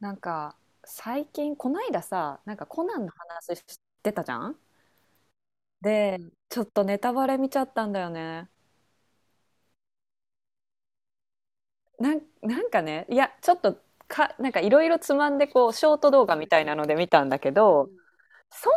なんか最近こないださ、コナンの話してたじゃん。で、ちょっとネタバレ見ちゃったんだよね。いや、ちょっと、なんかいろいろつまんで、こうショート動画みたいなので見たんだけど、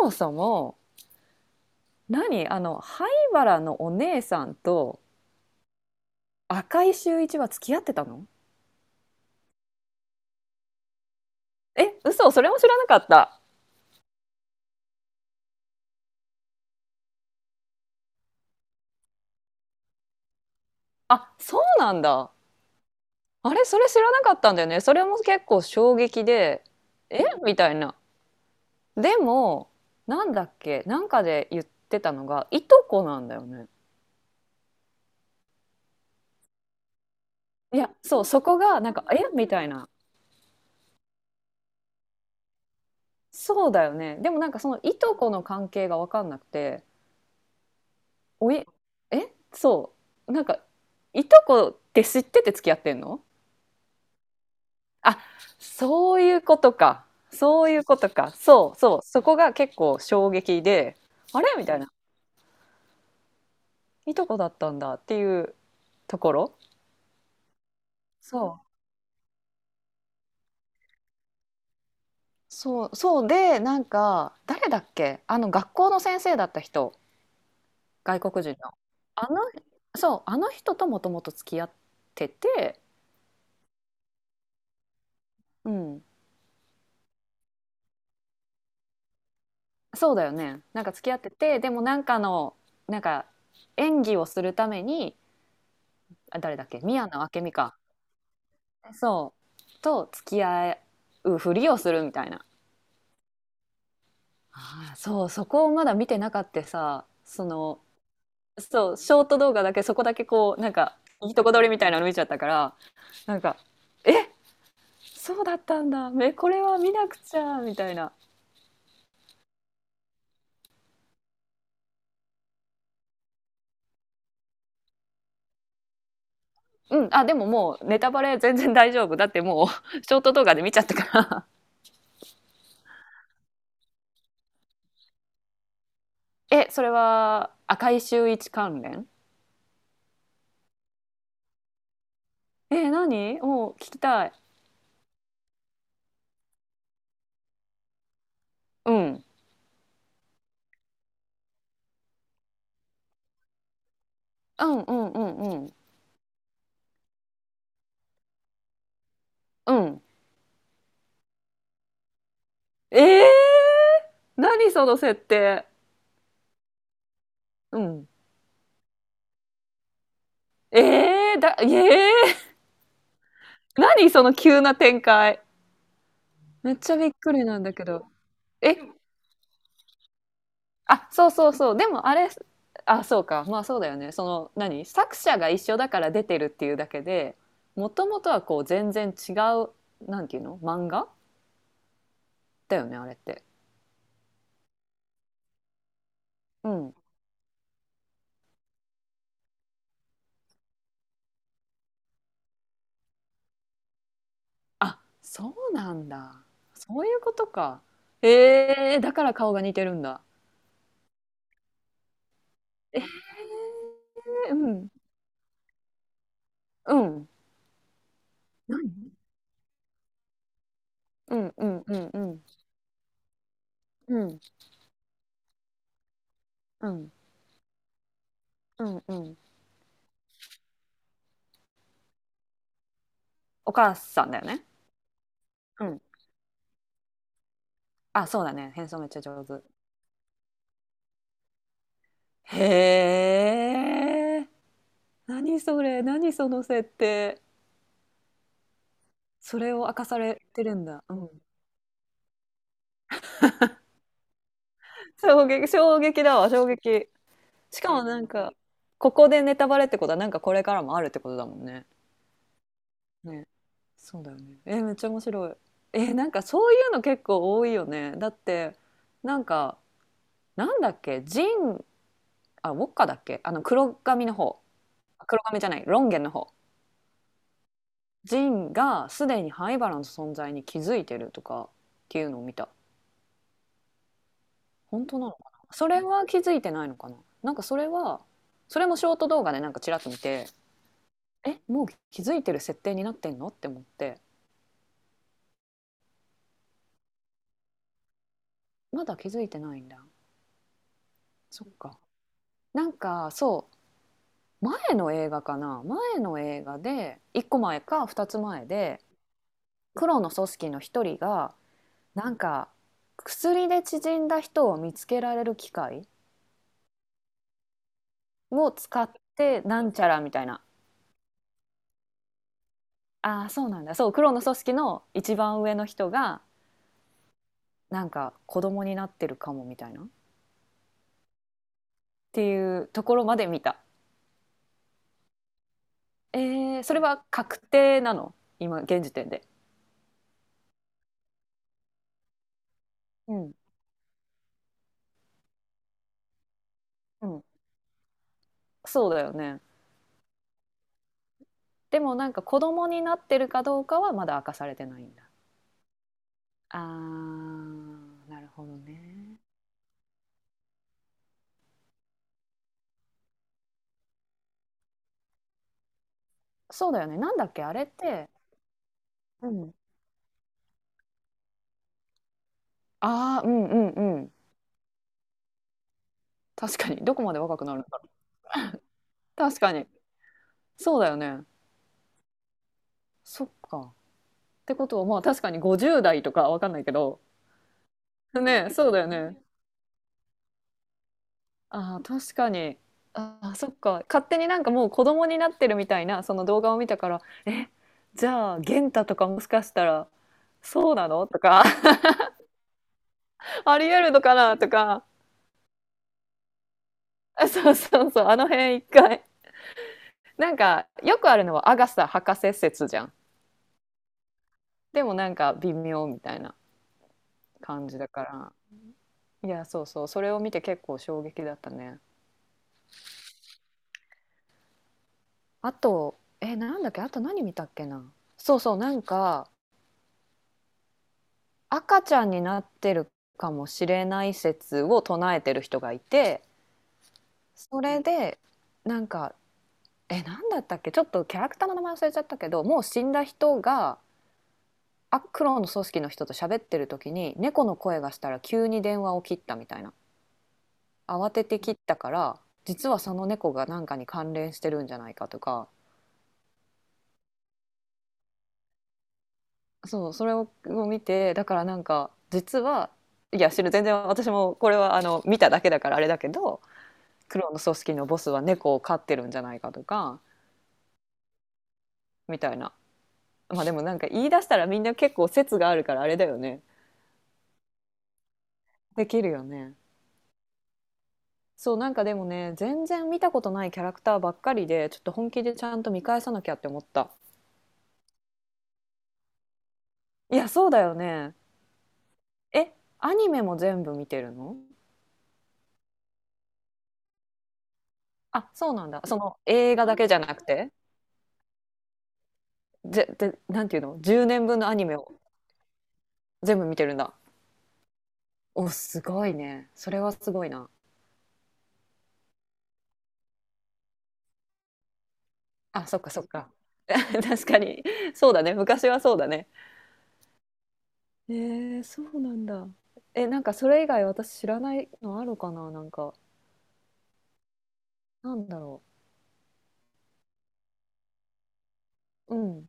そもそも何、あの灰原のお姉さんと赤井秀一は付き合ってたの？え、嘘、それも知らなかった。あ、そうなんだ。あれ、それ知らなかったんだよね。それも結構衝撃で、え、みたいな。でもなんだっけ、で言ってたのがいとこなんだよね。いや、そう、そこがなんか「え」みたいな。そうだよね。でもなんかそのいとこの関係が分かんなくて、「おい、え、そう、なんか、いとこって知ってて付き合ってんの？」あ、そういうことか。そういうことか。そうそう、そこが結構衝撃で、「あれ？」みたいな「いとこだったんだ」っていうところ。そう、そう、そうで、なんか、誰だっけ、あの、学校の先生だった人、外国人の。あの、そう、あの人ともともと付き合ってて、うん、そうだよね。なんか付き合ってて、でもなんかの、なんか、演技をするために、あ、誰だっけ、宮野明美か。そう、と付き合うふりをするみたいな。ああ、そう、そこをまだ見てなかってさ、その、そう、ショート動画だけ、そこだけ、こうなんかいいとこ取りみたいなの見ちゃったから、なんか「え、そうだったんだ、めこれは見なくちゃ」みたいな。「うん、あ、でももうネタバレ全然大丈夫だって、もう ショート動画で見ちゃったから」。え、それは赤井秀一関連？え、何、もう聞きたい。うん、うんうんうんうんうん。えー、何その設定？うんえー、だ、えー、何その急な展開、めっちゃびっくりなんだけど。え、あ、そうそうそう。でもあれ、あ、そうか。まあそうだよね。その、何、作者が一緒だから出てるっていうだけで、もともとはこう全然違う、なんていうの、漫画だよね、あれって。うん。あ、そうなんだ。そういうことか。えー、だから顔が似てるんだ。えー、うん、うん、うん、うん、うん、うん、うん、うん、うん、うん。お母さんだよね。うん。あ、そうだね。変装めっちゃ上手。へえ。何それ、何その設定。それを明かされてるんだ。うん。衝撃、衝撃だわ、衝撃。しかもなんか、ここでネタバレってことは、なんかこれからもあるってことだもんね。ね、そうだよね。え、めっちゃ面白い。え、なんかそういうの結構多いよね。だって、なんか、なんだっけ、ジン、あ、ウォッカだっけ、あの、黒髪の方。あ、黒髪じゃない、ロンゲンの方。ジンがすでに灰原の存在に気づいてるとかっていうのを見た。本当なのかな、それは。気づいてないのかな。なんかそれは、それもショート動画でなんかちらっと見て、え、もう気づいてる設定になってんのって思って。まだ気づいてないんだ。そっか。なんかそう、前の映画かな、前の映画で1個前か2つ前で、黒の組織の1人がなんか薬で縮んだ人を見つけられる機械を使ってなんちゃらみたいな。ああ、そうなんだ。そう、黒の組織の一番上の人がなんか子供になってるかもみたいなっていうところまで見た。えー、それは確定なの、今現時点で？うんうん。そうだよね。でもなんか子供になってるかどうかはまだ明かされてないんだ。あー、なるほどね。そうだよね。なんだっけ、あれって。うんああ、うんううん。確かに。どこまで若くなるんだろう。確かに。そうだよね。そっか。ってことは、まあ確かに50代とかわかんないけど。ね、そうだよね。ああ、確かに。ああ、そっか。勝手になんかもう子供になってるみたいな、その動画を見たから、え、じゃあ、元太とかもしかしたら、そうなのとか、ありえるのかなとか、あ、そうそうそう、あの辺一回。なんか、よくあるのはアガサ博士説じゃん。でもなんか微妙みたいな感じだから。いや、そうそう、それを見て結構衝撃だったね。あと、え、なんだっけ、あと何見たっけな。そうそう、なんか、赤ちゃんになってるかもしれない説を唱えてる人がいて、それで、なんか、え、なんだったっけ、ちょっとキャラクターの名前忘れちゃったけど、もう死んだ人が、あ、黒の組織の人と喋ってる時に猫の声がしたら急に電話を切ったみたいな。慌てて切ったから実はその猫が何かに関連してるんじゃないかとか。そう、それをを見て、だからなんか実は、いや知る、全然私もこれはあの見ただけだからあれだけど、黒の組織のボスは猫を飼ってるんじゃないかとか、みたいな。まあでもなんか言い出したらみんな結構説があるからあれだよね、できるよね。そう、なんかでもね、全然見たことないキャラクターばっかりで、ちょっと本気でちゃんと見返さなきゃって思った。いや、そうだよね。え、アニメも全部見てるの？あ、そうなんだ、その映画だけじゃなくて。ぜ、で、なんていうの、10年分のアニメを全部見てるんだ。お、すごいね、それはすごいな。あ、そっかそっか。 確かに。そうだね、昔はそうだね。えー、そうなんだ。え、なんかそれ以外私知らないのあるかな、なんか、なんだろう。うん。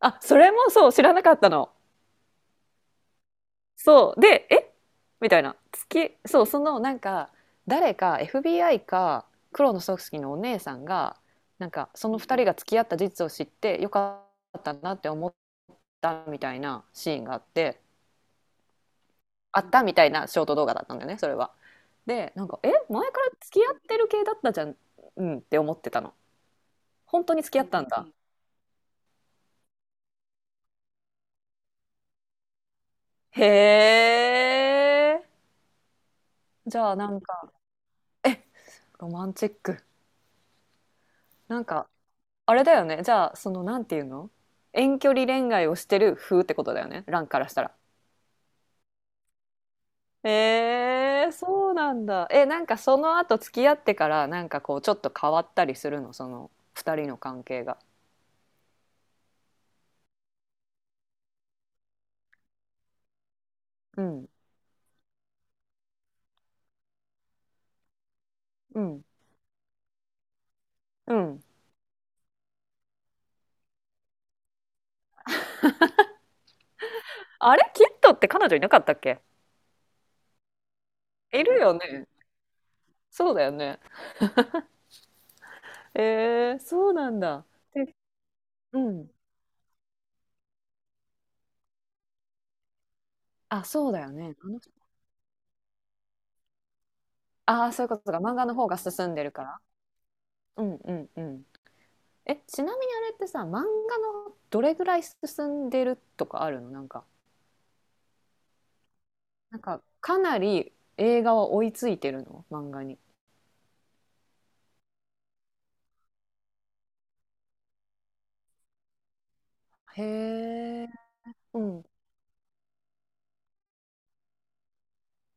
あ、それもそう、知らなかったの。そう。で、え、みたいな。月、そう、そのなんか、誰か、 FBI か黒の組織のお姉さんが、なんかその二人が付き合った事実を知って、よかったなって思ったみたいなシーンがあって、あったみたいなショート動画だったんだよね、それは。で、なんか、え、前から付き合ってる系だったじゃん、うんって思ってたの。本当に付き合ったんだ。へえ。じゃあなんか、え、ロマンチック。なんか、あれだよね。じゃあ、その、なんていうの、遠距離恋愛をしてる風ってことだよね、ランからしたら。えー、そうなんだ。え、なんかその後付き合ってから、なんかこう、ちょっと変わったりするの、その、二人の関係が。うん、うん、うん。あれ、キットって彼女いなかったっけ？いるよね。そうだよね。えー、そうなんだ。で、うん。あ、そうだよね。あの、ああ、そういうことか。漫画の方が進んでるから。うんうんうん。え、ちなみにあれってさ、漫画のどれぐらい進んでるとかあるの、なんか、なんか、かなり映画は追いついてるの、漫画に。へえ。うん。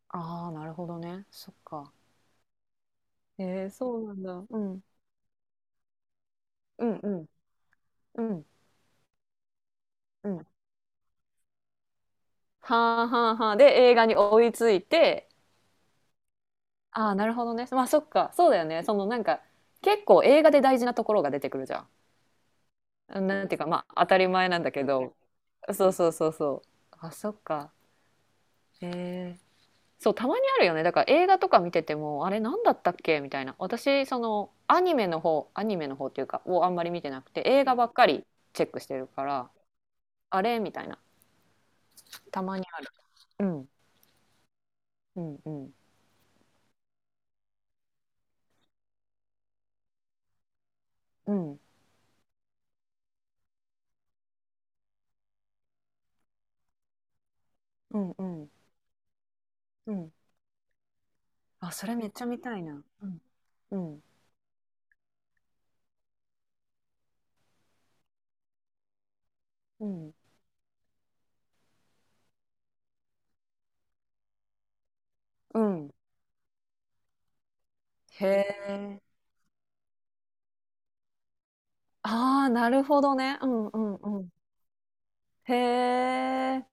ああ、なるほどね。そっか。へえ、そうなんだ。うん。うんうんうんうん。はあはあはあ。で、映画に追いついて、ああ、なるほどね。まあそっか。そうだよね。そのなんか、結構映画で大事なところが出てくるじゃん。なんていうか、まあ当たり前なんだけど、そうそうそうそう、あ、そっか。へえ。そう、たまにあるよね、だから。映画とか見てても、あれ何だったっけみたいな。私そのアニメの方、アニメの方っていうかをあんまり見てなくて、映画ばっかりチェックしてるから、あれみたいな、たまにある。うんうんうんうんうんうんうん。あ、それめっちゃ見たいな。うんうんうんうん。へえ。ああー、なるほどね。うん。へえ。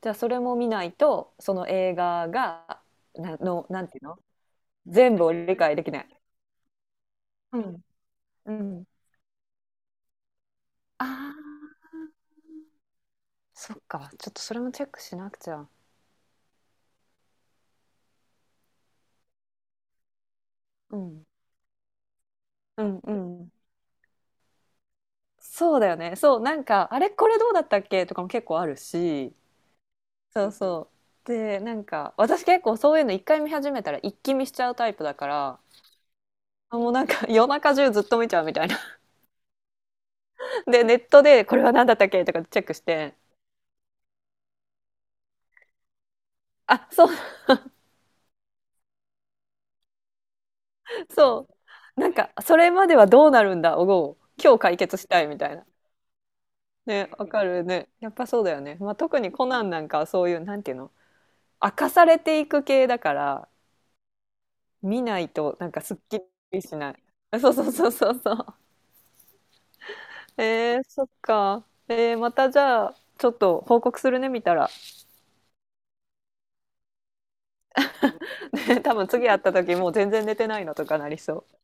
じゃあそれも見ないと、その映画が、なの、なんていうの、全部を理解できない。うん。うん、ああ、そっか、ちょっとそれもチェックしなくちゃ。うん、うん。そうだよね。そう、なんかあれこれどうだったっけとかも結構あるし、そうそう、で、なんか私結構そういうの一回見始めたら一気見しちゃうタイプだから、もうなんか夜中中ずっと見ちゃうみたいな、でネットでこれは何だったっけとかチェックして、あ、そうそう。なんか、それまではどうなるんだを今日解決したいみたいな。ね、わかるね。やっぱそうだよね。まあ、特にコナンなんかはそういう、なんていうの、明かされていく系だから、見ないとなんかすっきりしない。そうそうそうそうそう。えー、そっか。えー、またじゃあ、ちょっと報告するね、見たら。ね、多分次会った時もう全然寝てないのとかなりそう。